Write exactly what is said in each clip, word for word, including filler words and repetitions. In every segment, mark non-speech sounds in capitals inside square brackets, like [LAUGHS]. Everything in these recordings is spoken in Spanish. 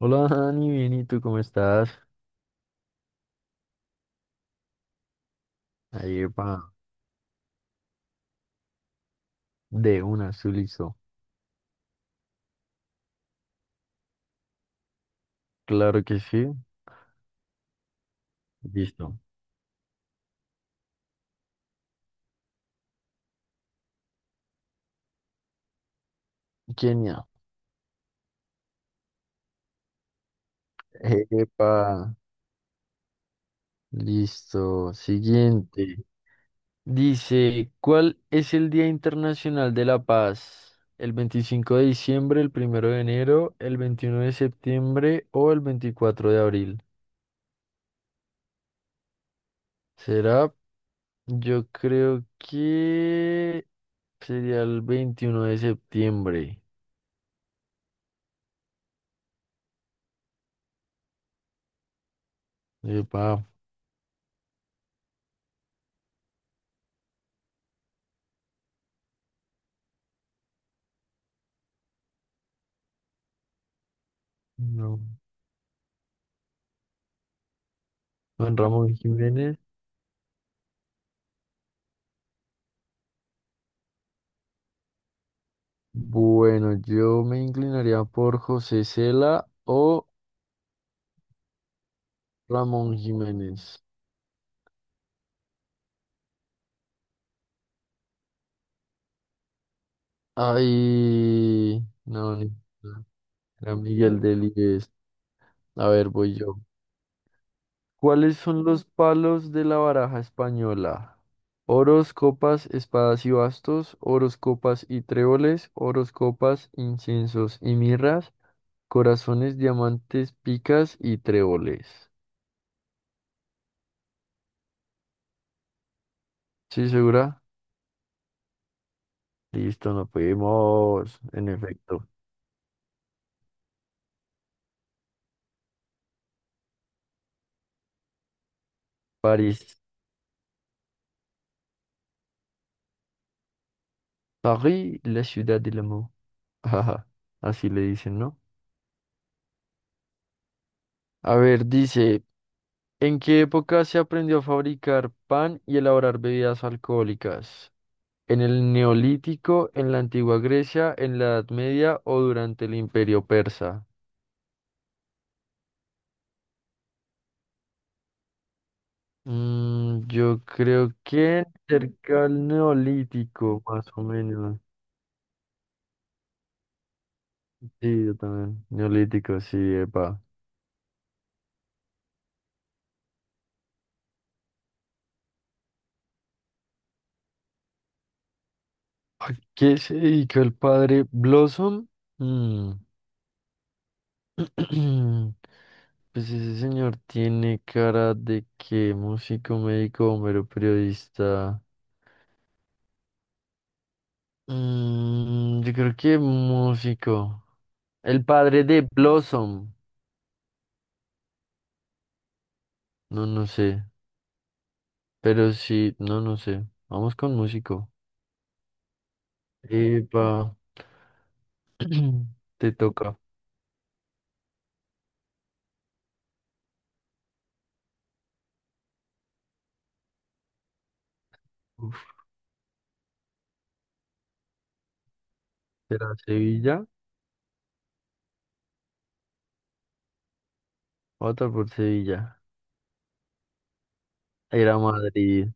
Hola Dani, bien, ¿y tú cómo estás? Ahí va, de una, su listo. Claro que sí, listo. Kenia, epa, listo. Siguiente. Dice, ¿cuál es el Día Internacional de la Paz? ¿El veinticinco de diciembre, el primero de enero, el veintiuno de septiembre o el veinticuatro de abril? ¿Será? Yo creo que sería el veintiuno de septiembre. Epa, no. Juan Ramón Jiménez. Bueno, yo me inclinaría por José Cela o Ramón Jiménez. Ay, no, ni- era Miguel Delibes. A ver, voy yo. ¿Cuáles son los palos de la baraja española? Oros, copas, espadas y bastos, oros, copas y tréboles, oros, copas, inciensos y mirras, corazones, diamantes, picas y tréboles. ¿Sí, segura? Listo, nos fuimos. En efecto. París. París, la ciudad del amor. [LAUGHS] Ajá, así le dicen, ¿no? A ver, dice, ¿en qué época se aprendió a fabricar pan y elaborar bebidas alcohólicas? ¿En el Neolítico, en la antigua Grecia, en la Edad Media o durante el Imperio Persa? Mm, yo creo que cerca al Neolítico, más o menos. Sí, yo también. Neolítico, sí, epa. ¿A qué se dedicó el padre Blossom? Mm, [CLEARS THROAT] Pues ese señor tiene cara de que músico, médico, bombero, periodista. Mm, yo creo que músico. El padre de Blossom. No, no sé. Pero sí, no, no sé. Vamos con músico. Epa, [CLEARS THROAT] te toca. Uf, ¿será Sevilla? Otra por Sevilla. Era Madrid.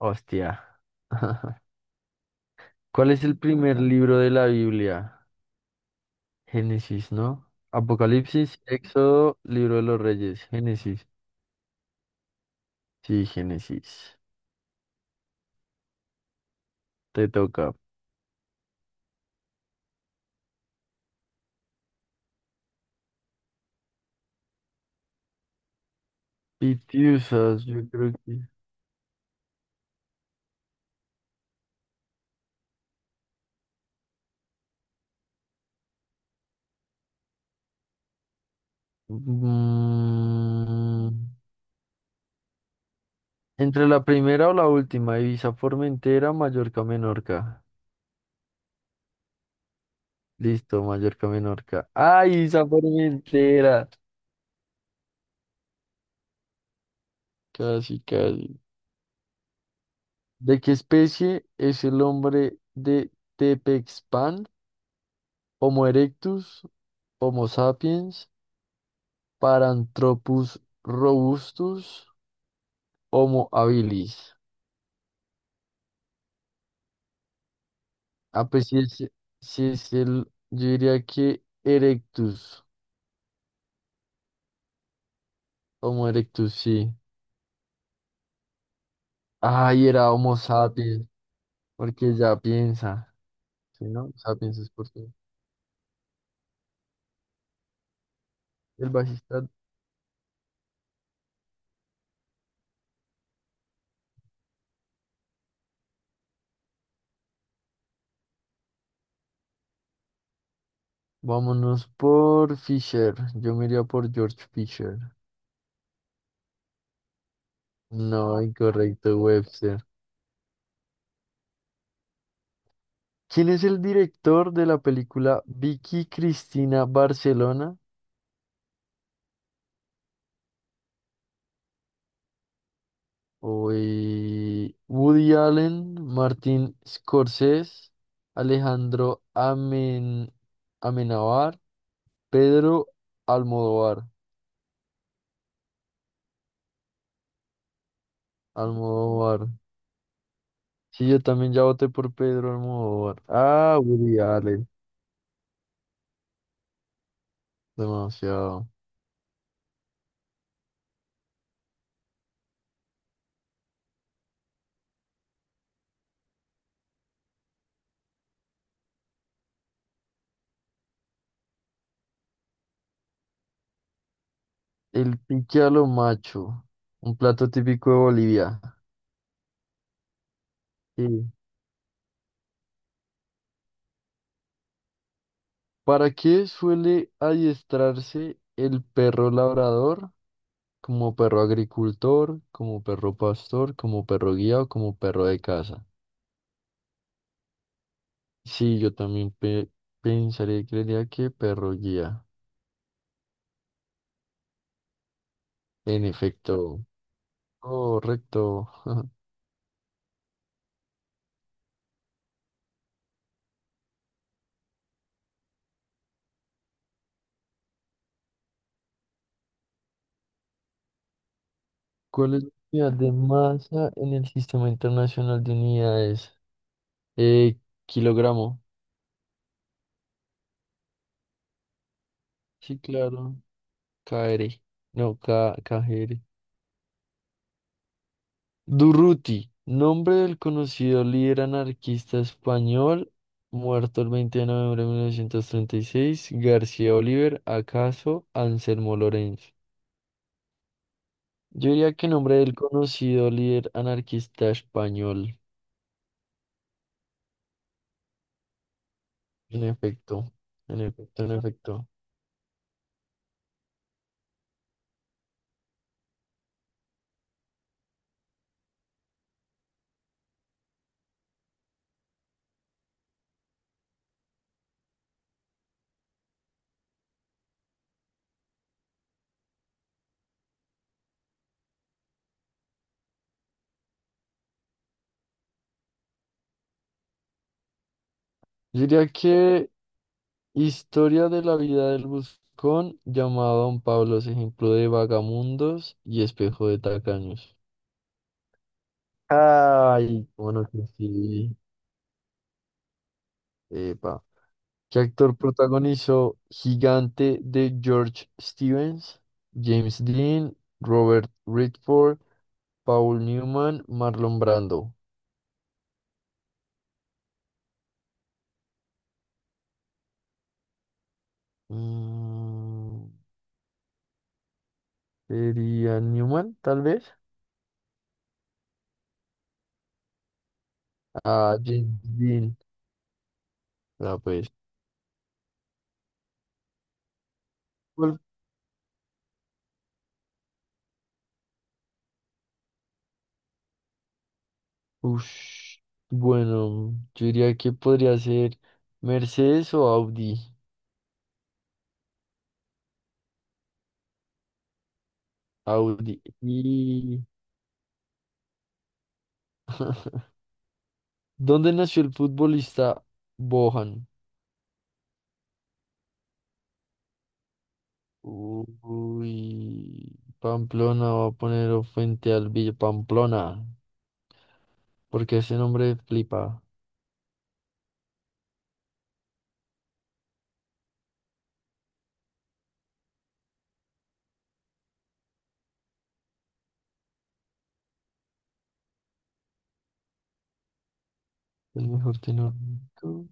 Hostia. [LAUGHS] ¿Cuál es el primer libro de la Biblia? Génesis, ¿no? Apocalipsis, Éxodo, Libro de los Reyes, Génesis. Sí, Génesis. Te toca. Pitiusas, yo creo que. Mm, Entre la primera o la última, Ibiza, Formentera, Mallorca, Menorca. Listo, Mallorca, Menorca. ¡Ay, Ibiza, Formentera! Casi, casi. ¿De qué especie es el hombre de Tepexpan? Homo erectus. Homo sapiens, Paranthropus robustus, Homo habilis. Ah, pues sí es, sí es el, yo diría que Erectus, Homo erectus, sí. Ay, era Homo sapiens, porque ya piensa, ¿sí no? Sapiens es porque el bajista. Vámonos por Fisher, yo me iría por George Fisher. No, incorrecto, Webster. ¿Quién es el director de la película Vicky Cristina Barcelona? Uy, Woody Allen, Martin Scorsese, Alejandro Amen, Amenábar, Pedro Almodóvar. Almodóvar. Sí, yo también ya voté por Pedro Almodóvar. Ah, Woody Allen. Demasiado. El pique a lo macho. Un plato típico de Bolivia. Sí. ¿Para qué suele adiestrarse el perro labrador? Como perro agricultor, como perro pastor, como perro guía o como perro de casa. Sí, yo también pe- pensaría y creería que perro guía. En efecto. Correcto. [LAUGHS] ¿Cuál es la unidad de masa en el Sistema Internacional de Unidades? Eh, kilogramo. Sí, claro. K R. No, K KGR. Durruti, nombre del conocido líder anarquista español, muerto el veinte de noviembre de mil novecientos treinta y seis. García Oliver, acaso Anselmo Lorenzo. Yo diría que nombre del conocido líder anarquista español. En efecto, en efecto, en efecto. Yo diría que historia de la vida del buscón llamado Don Pablo es ejemplo de vagamundos y espejo de tacaños. Ay, bueno que sí. ¿Qué actor protagonizó Gigante de George Stevens, James Dean, Robert Redford, Paul Newman, Marlon Brando? Mm, sería Newman, tal vez. Ah, James Dean. Ah, pues. ¿Cuál? Ush. Bueno, yo diría que podría ser Mercedes o Audi. Audi. ¿Y dónde nació el futbolista Bohan? Uy, Pamplona va a poner o frente al Villa Pamplona, porque ese nombre flipa. El mejor tenor mexicano.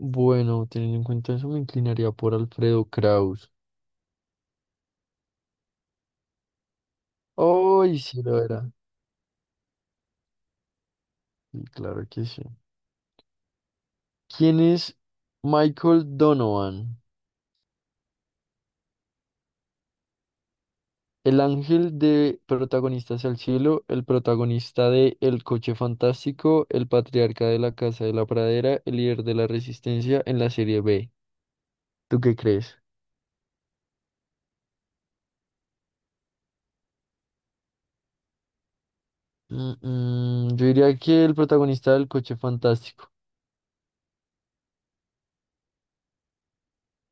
Bueno, teniendo en cuenta eso, me inclinaría por Alfredo Kraus. ¡Ay, sí lo era! Y claro que sí. ¿Quién es Michael Donovan? El ángel de Protagonistas al Cielo, el protagonista de El Coche Fantástico, el patriarca de la Casa de la Pradera, el líder de la Resistencia en la serie B. ¿Tú qué crees? Mm, mm, yo diría que el protagonista del Coche Fantástico.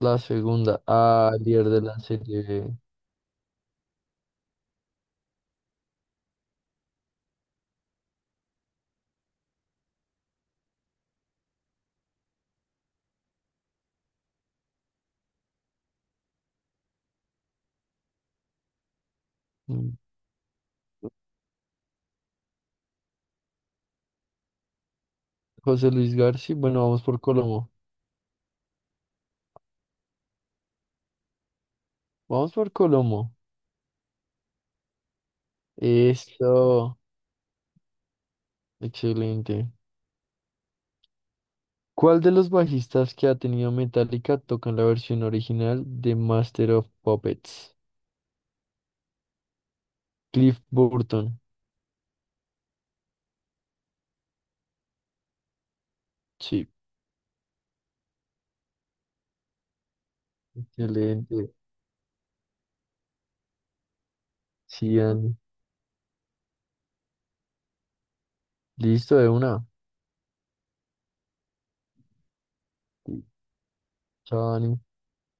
La segunda, ah, líder de la serie. mm, José Luis García. Bueno, vamos por Colomo. Vamos por Colomo. Eso. Excelente. ¿Cuál de los bajistas que ha tenido Metallica toca en la versión original de Master of Puppets? Cliff Burton. Sí. Excelente. Sí, Dani. Listo, de una. Sí. Chao, Dani.